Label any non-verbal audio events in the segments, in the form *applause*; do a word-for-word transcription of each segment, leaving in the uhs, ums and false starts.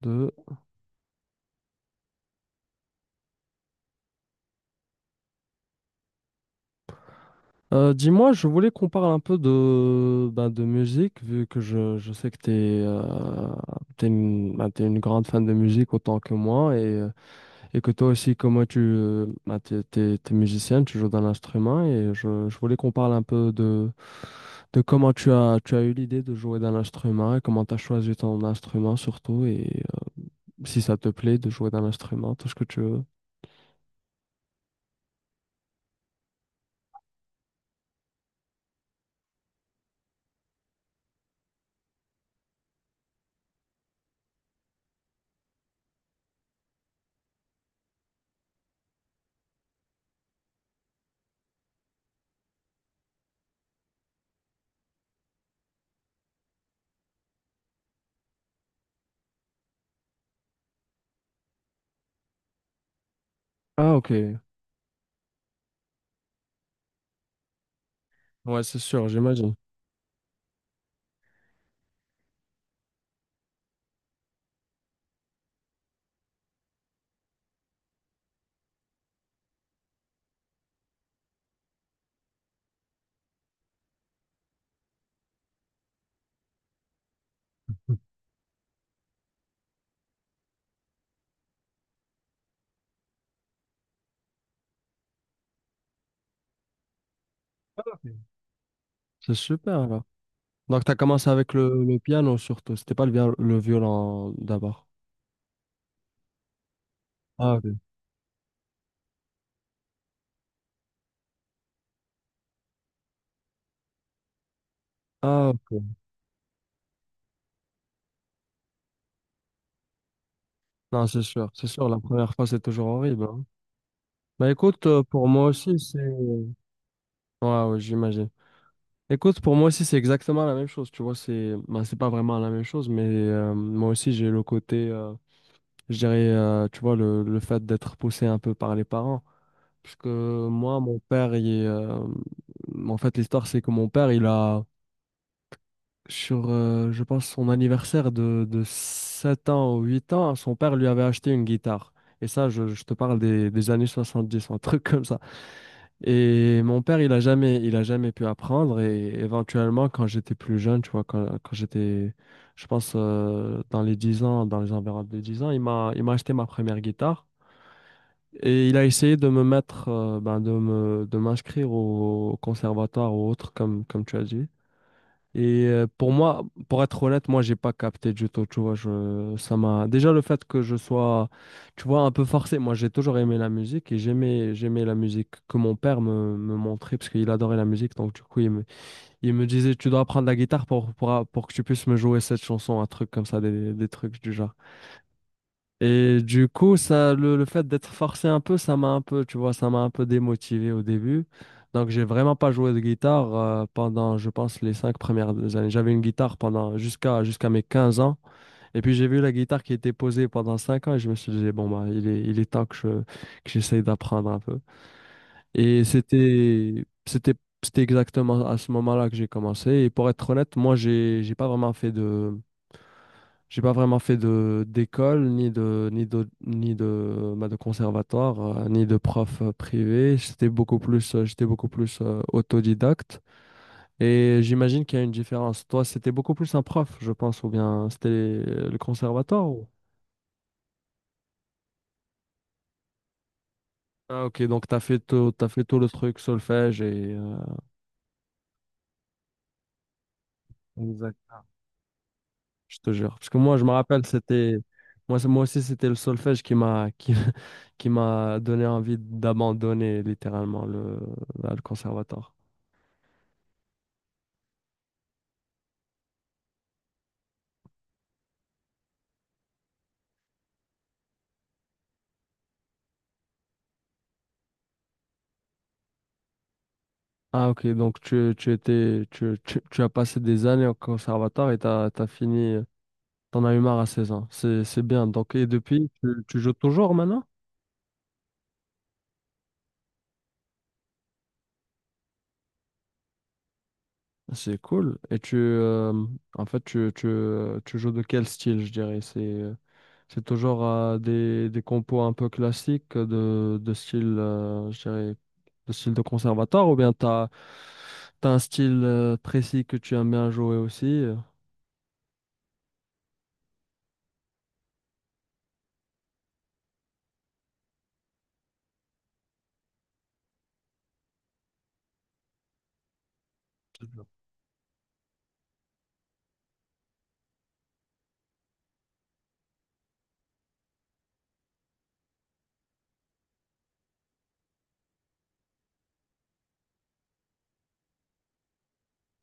Deux. Euh, dis-moi, je voulais qu'on parle un peu de, ben, de musique, vu que je, je sais que tu es, une, ben, t'es une grande fan de musique autant que moi, et, euh, et que toi aussi, comme moi, tu euh, ben, t'es, t'es- t'es musicienne, tu joues d'un instrument, et je, je voulais qu'on parle un peu de, de comment tu as, tu as eu l'idée de jouer d'un instrument, et comment tu as choisi ton instrument surtout, et euh, si ça te plaît de jouer d'un instrument, tout ce que tu veux. Ah, ok. Ouais, c'est sûr, j'imagine. Ah, ok. C'est super. Donc, tu as commencé avec le, le piano surtout. C'était pas le, vi- le violon d'abord. Ah, ok. Ah, ok. Non, c'est sûr. C'est sûr, la première fois, c'est toujours horrible, hein. Bah, écoute, euh, pour moi aussi, c'est. Ouais, ouais, j'imagine. Écoute, pour moi aussi, c'est exactement la même chose. Tu vois, c'est bah, c'est pas vraiment la même chose, mais euh, moi aussi, j'ai le côté, euh, je dirais, euh, tu vois, le, le fait d'être poussé un peu par les parents. Parce que moi, mon père, il est, euh, en fait, l'histoire, c'est que mon père, il a. Sur, euh, je pense, son anniversaire de, de sept ans ou huit ans, son père lui avait acheté une guitare. Et ça, je, je te parle des, des années soixante-dix, un truc comme ça. Et mon père, il a jamais, il a jamais pu apprendre. Et éventuellement, quand j'étais plus jeune, tu vois, quand, quand j'étais, je pense, euh, dans les dix ans, dans les environs de dix ans, il m'a, il m'a acheté ma première guitare. Et il a essayé de me mettre, euh, ben, de me, de m'inscrire au, au conservatoire ou autre, comme, comme tu as dit. Et euh, pour moi, pour être honnête, moi, j'ai pas capté du tout, tu vois, je, ça m'a... Déjà, le fait que je sois, tu vois, un peu forcé, moi, j'ai toujours aimé la musique et j'aimais, j'aimais la musique que mon père me, me montrait parce qu'il adorait la musique, donc du coup, il me, il me disait, tu dois apprendre la guitare pour, pour, pour que tu puisses me jouer cette chanson, un truc comme ça, des, des trucs du genre. Et du coup, ça, le, le fait d'être forcé un peu, ça m'a un peu, tu vois, ça m'a un peu démotivé au début. Donc, j'ai vraiment pas joué de guitare euh, pendant, je pense, les cinq premières années. J'avais une guitare pendant jusqu'à jusqu'à mes quinze ans. Et puis, j'ai vu la guitare qui était posée pendant cinq ans et je me suis dit, bon, bah, il est, il est temps que je, que j'essaye d'apprendre un peu. Et c'était, c'était, c'était exactement à ce moment-là que j'ai commencé. Et pour être honnête, moi, j'ai, j'ai pas vraiment fait de j'ai pas vraiment fait de d'école, ni de ni de ni de, bah, de conservatoire, euh, ni de prof euh, privé. J'étais beaucoup plus euh, j'étais beaucoup plus euh, autodidacte. Et j'imagine qu'il y a une différence. Toi, c'était beaucoup plus un prof, je pense, ou bien c'était le conservatoire ou- Ah, ok, donc t'as fait tout, t'as fait tout le truc, solfège et euh, Exact. Je te jure. Parce que moi, je me rappelle, c'était moi, c'est- moi aussi c'était le solfège qui m'a qui, *laughs* qui m'a donné envie d'abandonner littéralement le, le conservatoire. Ah, ok, donc tu, tu étais tu, tu, tu as passé des années au conservatoire et t'as t'as fini, t'en as eu marre à seize ans. C'est c'est bien. Donc et depuis, tu, tu joues toujours maintenant? C'est cool. Et tu euh, en fait tu, tu, euh, tu joues de quel style, je dirais? C'est euh, c'est toujours euh, des, des compos un peu classiques euh, de, de style euh, je dirais de style de conservatoire ou bien t'as t'as un style euh, précis que tu aimes bien jouer aussi?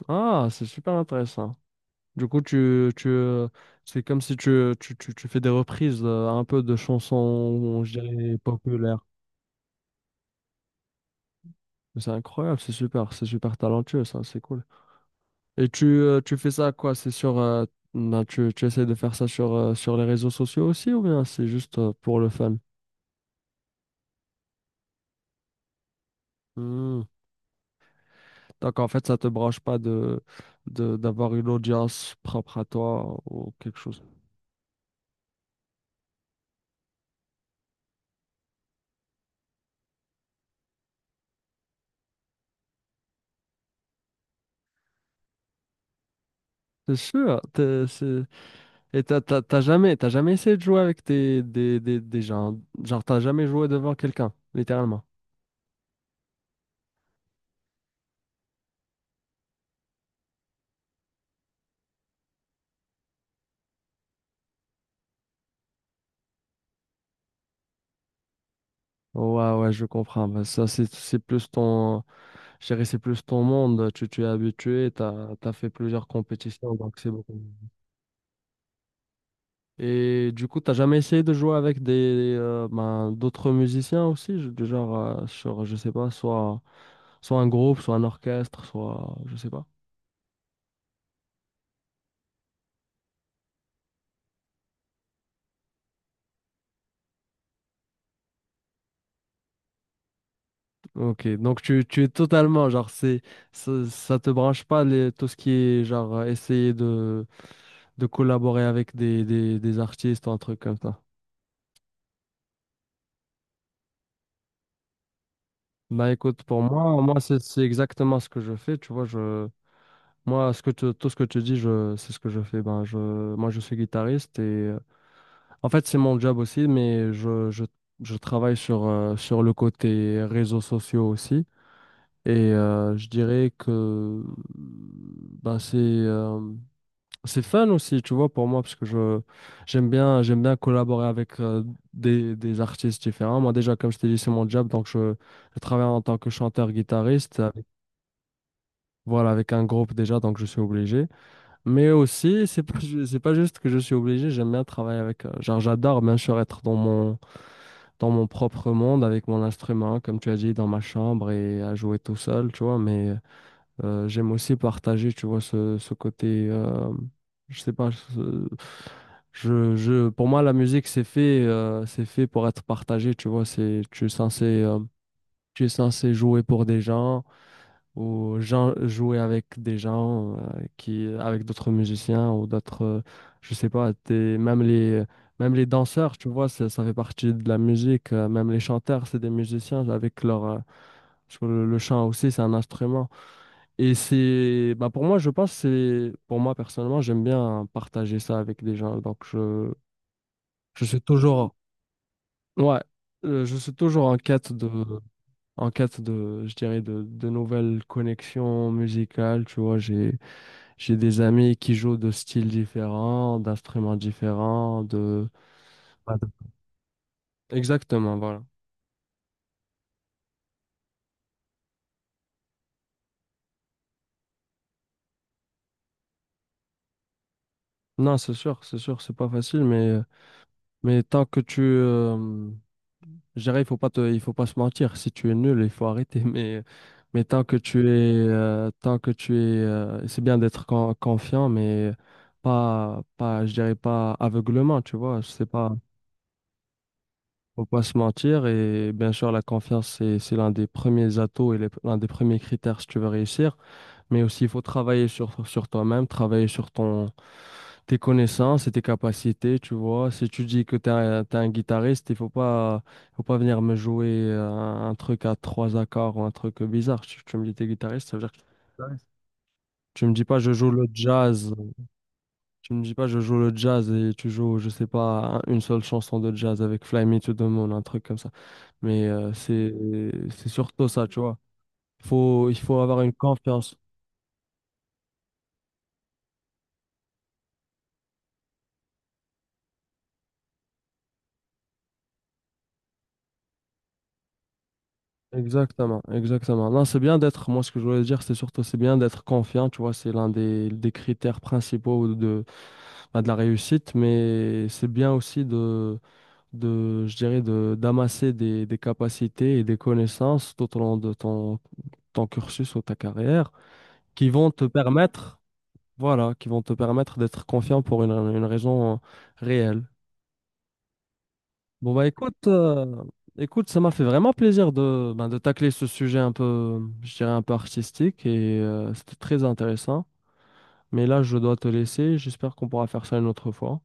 Ah, c'est super intéressant. Du coup, tu, tu, euh, c'est comme si tu, tu, tu, tu fais des reprises euh, un peu de chansons, je dirais, populaires. Mais c'est incroyable, c'est super, c'est super talentueux, ça, c'est cool. Et tu, euh, tu fais ça quoi? C'est sur, euh, ben, tu, tu essaies de faire ça sur, euh, sur les réseaux sociaux aussi ou bien c'est juste euh, pour le fun? Hmm. Donc en fait, ça te branche pas de, de, d'avoir une audience propre à toi ou quelque chose. C'est sûr, t'es- c'est. Et t'as t'as- t'as jamais, t'as jamais essayé de jouer avec tes- des, des, des gens. Genre, t'as jamais joué devant quelqu'un, littéralement. Ouais, ouais, je comprends. Bah, ça, c'est c'est plus ton. Je dirais, c'est plus ton monde. Tu, tu es habitué, t'as, t'as fait plusieurs compétitions, donc c'est beaucoup mieux. Et du coup, t'as jamais essayé de jouer avec des euh, ben, d'autres musiciens aussi, je- du genre, euh, sur, je sais pas, soit, soit un groupe, soit un orchestre, soit, je sais pas. Ok, donc tu, tu es totalement, genre, c'est, ça, ça te branche pas les, tout ce qui est, genre, euh, essayer de, de collaborer avec des, des, des artistes ou un truc comme ça. Bah, écoute, pour moi, moi c'est c'est exactement ce que je fais, tu vois, je, moi, ce que tu- tout ce que tu dis, je, c'est ce que je fais. Ben, je, moi, je suis guitariste et, euh, en fait, c'est mon job aussi, mais je, je, je travaille sur, euh, sur le côté réseaux sociaux aussi. Et euh, je dirais que, ben, c'est... euh, c'est fun aussi, tu vois, pour moi, parce que je j'aime bien j'aime bien collaborer avec euh, des, des artistes différents. Moi, déjà, comme je t'ai dit, c'est mon job, donc je, je travaille en tant que chanteur-guitariste, avec- voilà, avec un groupe déjà, donc je suis obligé. Mais aussi, c'est pas ju- c'est pas juste que je suis obligé, j'aime bien travailler avec, euh, genre, j'adore bien sûr être dans mon dans mon propre monde avec mon instrument, comme tu as dit, dans ma chambre et à jouer tout seul, tu vois. Mais euh, j'aime aussi partager, tu vois, ce, ce côté, euh, je sais pas, ce- je, je, pour moi, la musique, c'est fait, euh, c'est fait pour être partagé, tu vois, c'est, tu es censé, euh, tu es censé jouer pour des gens ou gens- jouer avec des gens euh, qui avec d'autres musiciens ou d'autres euh, je sais pas t'es- même les même les danseurs, tu vois, ça, ça fait partie de la musique, euh, même les chanteurs, c'est des musiciens avec leur euh, sur le, le chant aussi c'est un instrument, et c'est bah, pour moi, je pense, c'est pour moi personnellement, j'aime bien partager ça avec des gens, donc je je suis toujours, ouais, euh, je suis toujours en quête de en cas de, je dirais, de, de nouvelles connexions musicales, tu vois, j'ai, j'ai des amis qui jouent de styles différents, d'instruments différents, de... Ouais, donc, exactement, voilà. Non, c'est sûr, c'est sûr, c'est pas facile, mais, mais tant que tu... euh, je dirais, il faut pas te, il faut pas se mentir. Si tu es nul, il faut arrêter, *laughs* mais, mais tant que tu es... euh, tant que tu es... euh, c'est bien d'être con- confiant, mais pas, pas, je dirais pas aveuglement, tu vois, c'est pas... Faut pas se mentir, et bien sûr la confiance c'est c'est l'un des premiers atouts et les- l'un des premiers critères si tu veux réussir, mais aussi il faut travailler sur sur toi-même, travailler sur ton tes connaissances et tes capacités, tu vois, si tu dis que tu es, un, t'es un guitariste, il faut pas faut pas venir me jouer un, un truc à trois accords ou un truc bizarre. tu, tu me dis t'es guitariste, ça veut dire que tu me dis pas je joue le jazz, tu me dis pas, je joue le jazz et tu joues, je sais pas, un- une seule chanson de jazz avec Fly Me to the Moon, un truc comme ça. Mais euh, c'est c'est surtout ça, tu vois. Faut, il faut avoir une confiance. Exactement, exactement. Non, c'est bien d'être, moi ce que je voulais dire, c'est surtout, c'est bien d'être confiant, tu vois, c'est l'un des, des critères principaux de, bah, de la réussite, mais c'est bien aussi de, de, je dirais, de, d'amasser des, des capacités et des connaissances tout au long de ton, ton cursus ou ta carrière qui vont te permettre, voilà, qui vont te permettre d'être confiant pour une, une raison euh, réelle. Bon, bah, écoute, euh, écoute, ça m'a fait vraiment plaisir de, ben, de tacler ce sujet un peu, je dirais un peu artistique, et euh, c'était très intéressant. Mais là, je dois te laisser. J'espère qu'on pourra faire ça une autre fois.